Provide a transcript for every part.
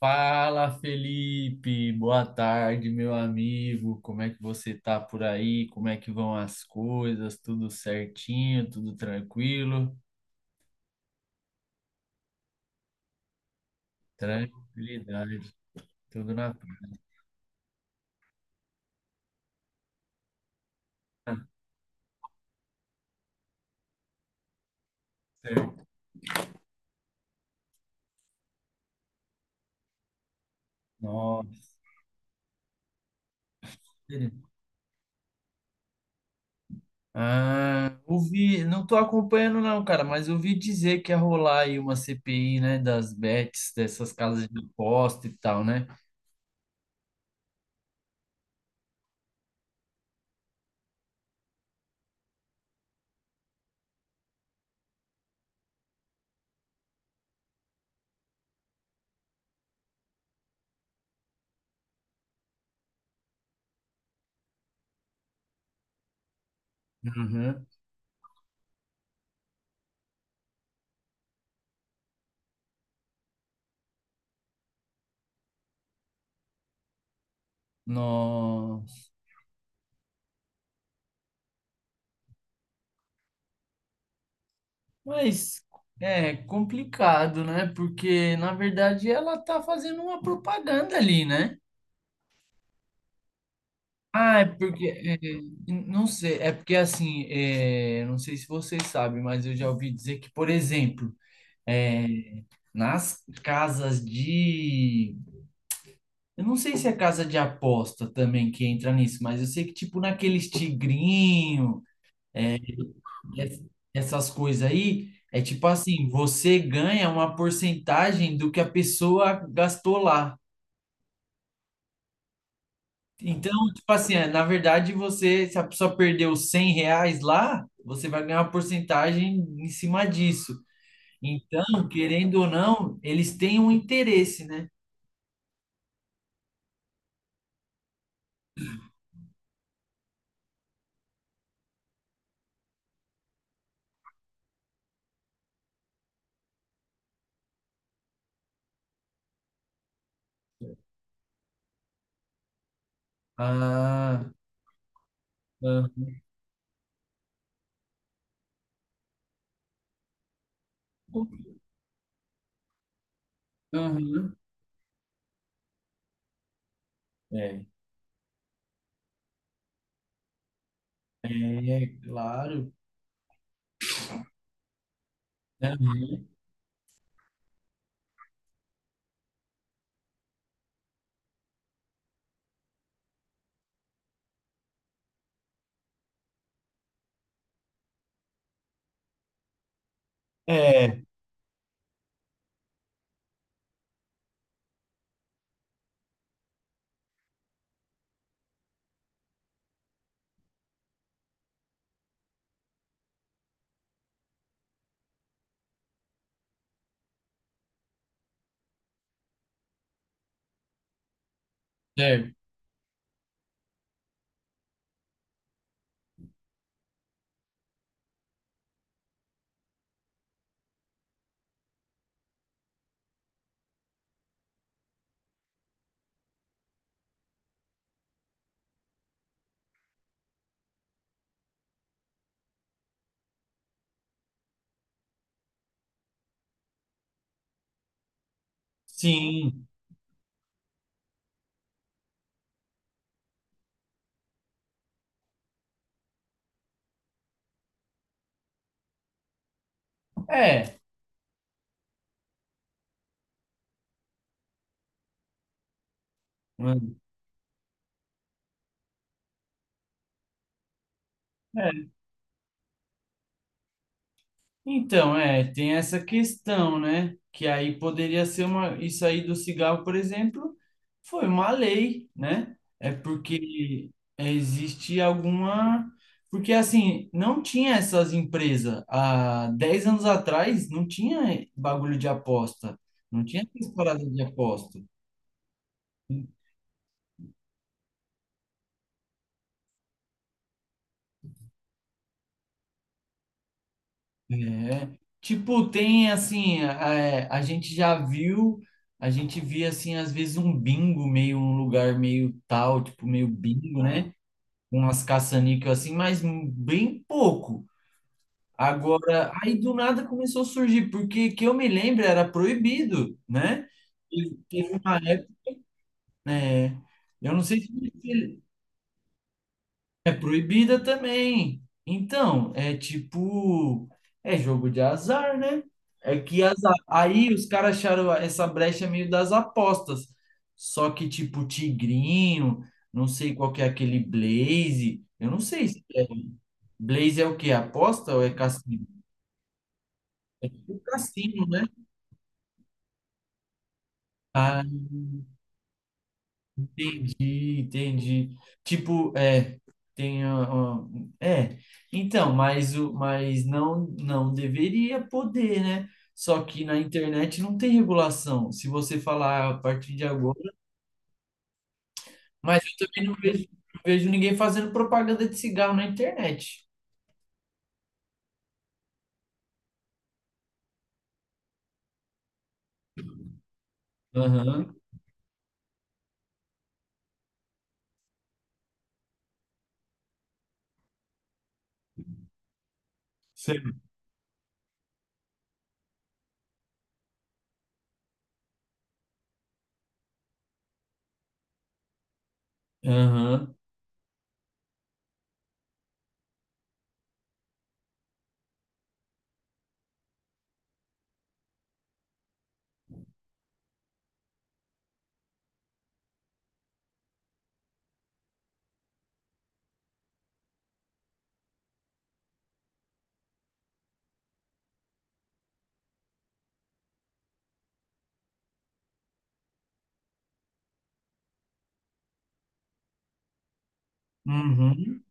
Fala, Felipe. Boa tarde, meu amigo. Como é que você tá por aí? Como é que vão as coisas? Tudo certinho? Tudo tranquilo? Tranquilidade. Tudo na paz. Tá. Certo. Nossa. Ah, ouvi, não tô acompanhando não, cara, mas ouvi dizer que ia rolar aí uma CPI, né, das bets, dessas casas de aposta e tal, né? Uhum. Nossa. Mas é complicado, né? Porque, na verdade, ela tá fazendo uma propaganda ali, né? Ah, é porque. Não sei, é porque assim, não sei se vocês sabem, mas eu já ouvi dizer que, por exemplo, é, nas casas de. Eu não sei se é casa de aposta também que entra nisso, mas eu sei que, tipo, naqueles tigrinho. ess- essas coisas aí, é tipo assim, você ganha uma porcentagem do que a pessoa gastou lá. Então, tipo assim, na verdade, você, se a pessoa perdeu R$ 100 lá, você vai ganhar uma porcentagem em cima disso. Então, querendo ou não, eles têm um interesse, né? Ah, ah, aham. É, é, claro. Aham. É, é, sim, é, é. Então, tem essa questão, né? Que aí poderia ser uma. Isso aí do cigarro, por exemplo, foi uma lei, né? É porque existe alguma. Porque, assim, não tinha essas empresas. Há 10 anos atrás, não tinha bagulho de aposta. Não tinha essas paradas de aposta. É, tipo, tem assim, a gente já viu, a gente via assim, às vezes um bingo meio, um lugar meio tal, tipo, meio bingo, né? Com umas caça-níquel assim, mas bem pouco. Agora, aí do nada começou a surgir, porque que eu me lembro era proibido, né? E teve uma época, é, eu não sei se. É proibida também. Então, é tipo, é jogo de azar, né? É que azar. Aí os caras acharam essa brecha meio das apostas. Só que tipo Tigrinho, não sei qual que é aquele Blaze. Eu não sei se é. Blaze é o quê? Aposta ou é cassino? É o cassino, né? Ah, entendi, entendi. Tipo, tem é, então, mas o mas não deveria poder, né? Só que na internet não tem regulação. Se você falar ah, a partir de agora, mas eu também não vejo, não vejo ninguém fazendo propaganda de cigarro na internet. Aham. Sei. Aham. Uhum.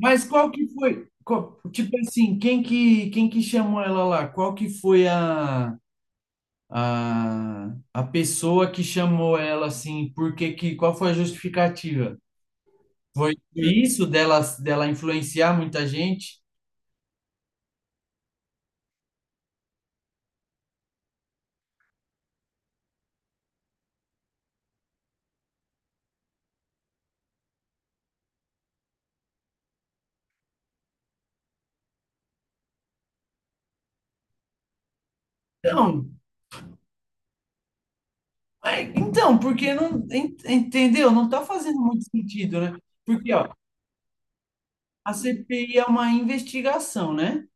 Mas qual que foi? Tipo assim, quem que chamou ela lá? Qual que foi a pessoa que chamou ela assim, por que que, qual foi a justificativa? Foi isso dela influenciar muita gente? Então, então, porque não, entendeu? Não está fazendo muito sentido, né? Porque, ó, a CPI é uma investigação, né?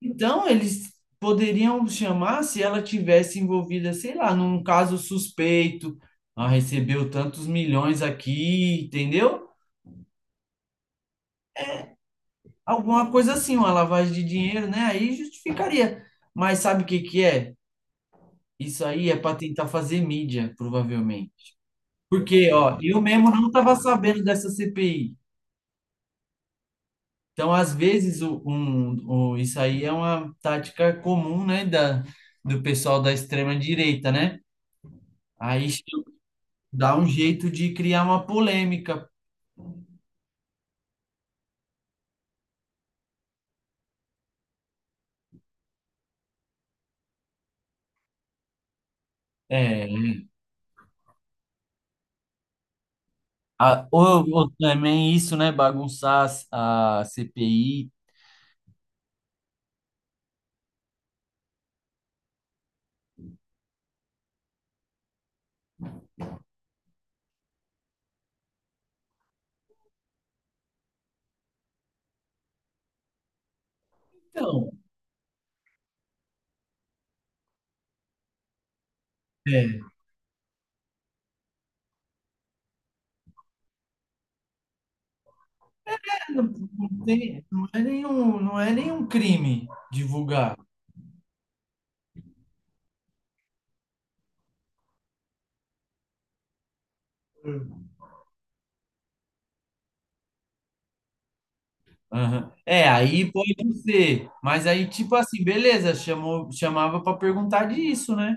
Então, eles poderiam chamar se ela tivesse envolvida, sei lá, num caso suspeito, ah, recebeu tantos milhões aqui, entendeu? Alguma coisa assim, uma lavagem de dinheiro, né? Aí justificaria. Mas sabe o que que é? Isso aí é para tentar fazer mídia, provavelmente. Porque, ó, eu mesmo não estava sabendo dessa CPI. Então, às vezes, isso aí é uma tática comum, né, da, do pessoal da extrema-direita, né? Aí dá um jeito de criar uma polêmica. É, ou também isso, né, bagunçar a CPI. Então, é. Não não é nenhum crime divulgar. Hum. Aham. É, aí pode ser. Mas aí, tipo assim, beleza, chamou, chamava para perguntar disso, né?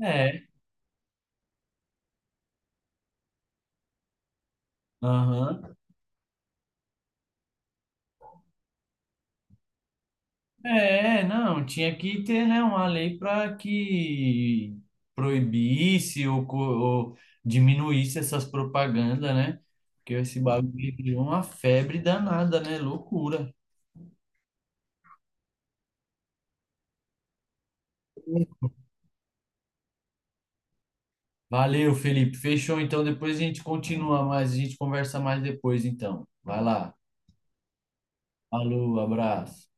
É. Aham. É, não, tinha que ter, né, uma lei para que proibisse ou diminuísse essas propagandas, né? Porque esse bagulho virou uma febre danada, né? Loucura. Valeu, Felipe. Fechou, então. Depois a gente continua mais, a gente conversa mais depois, então. Vai lá. Falou, abraço.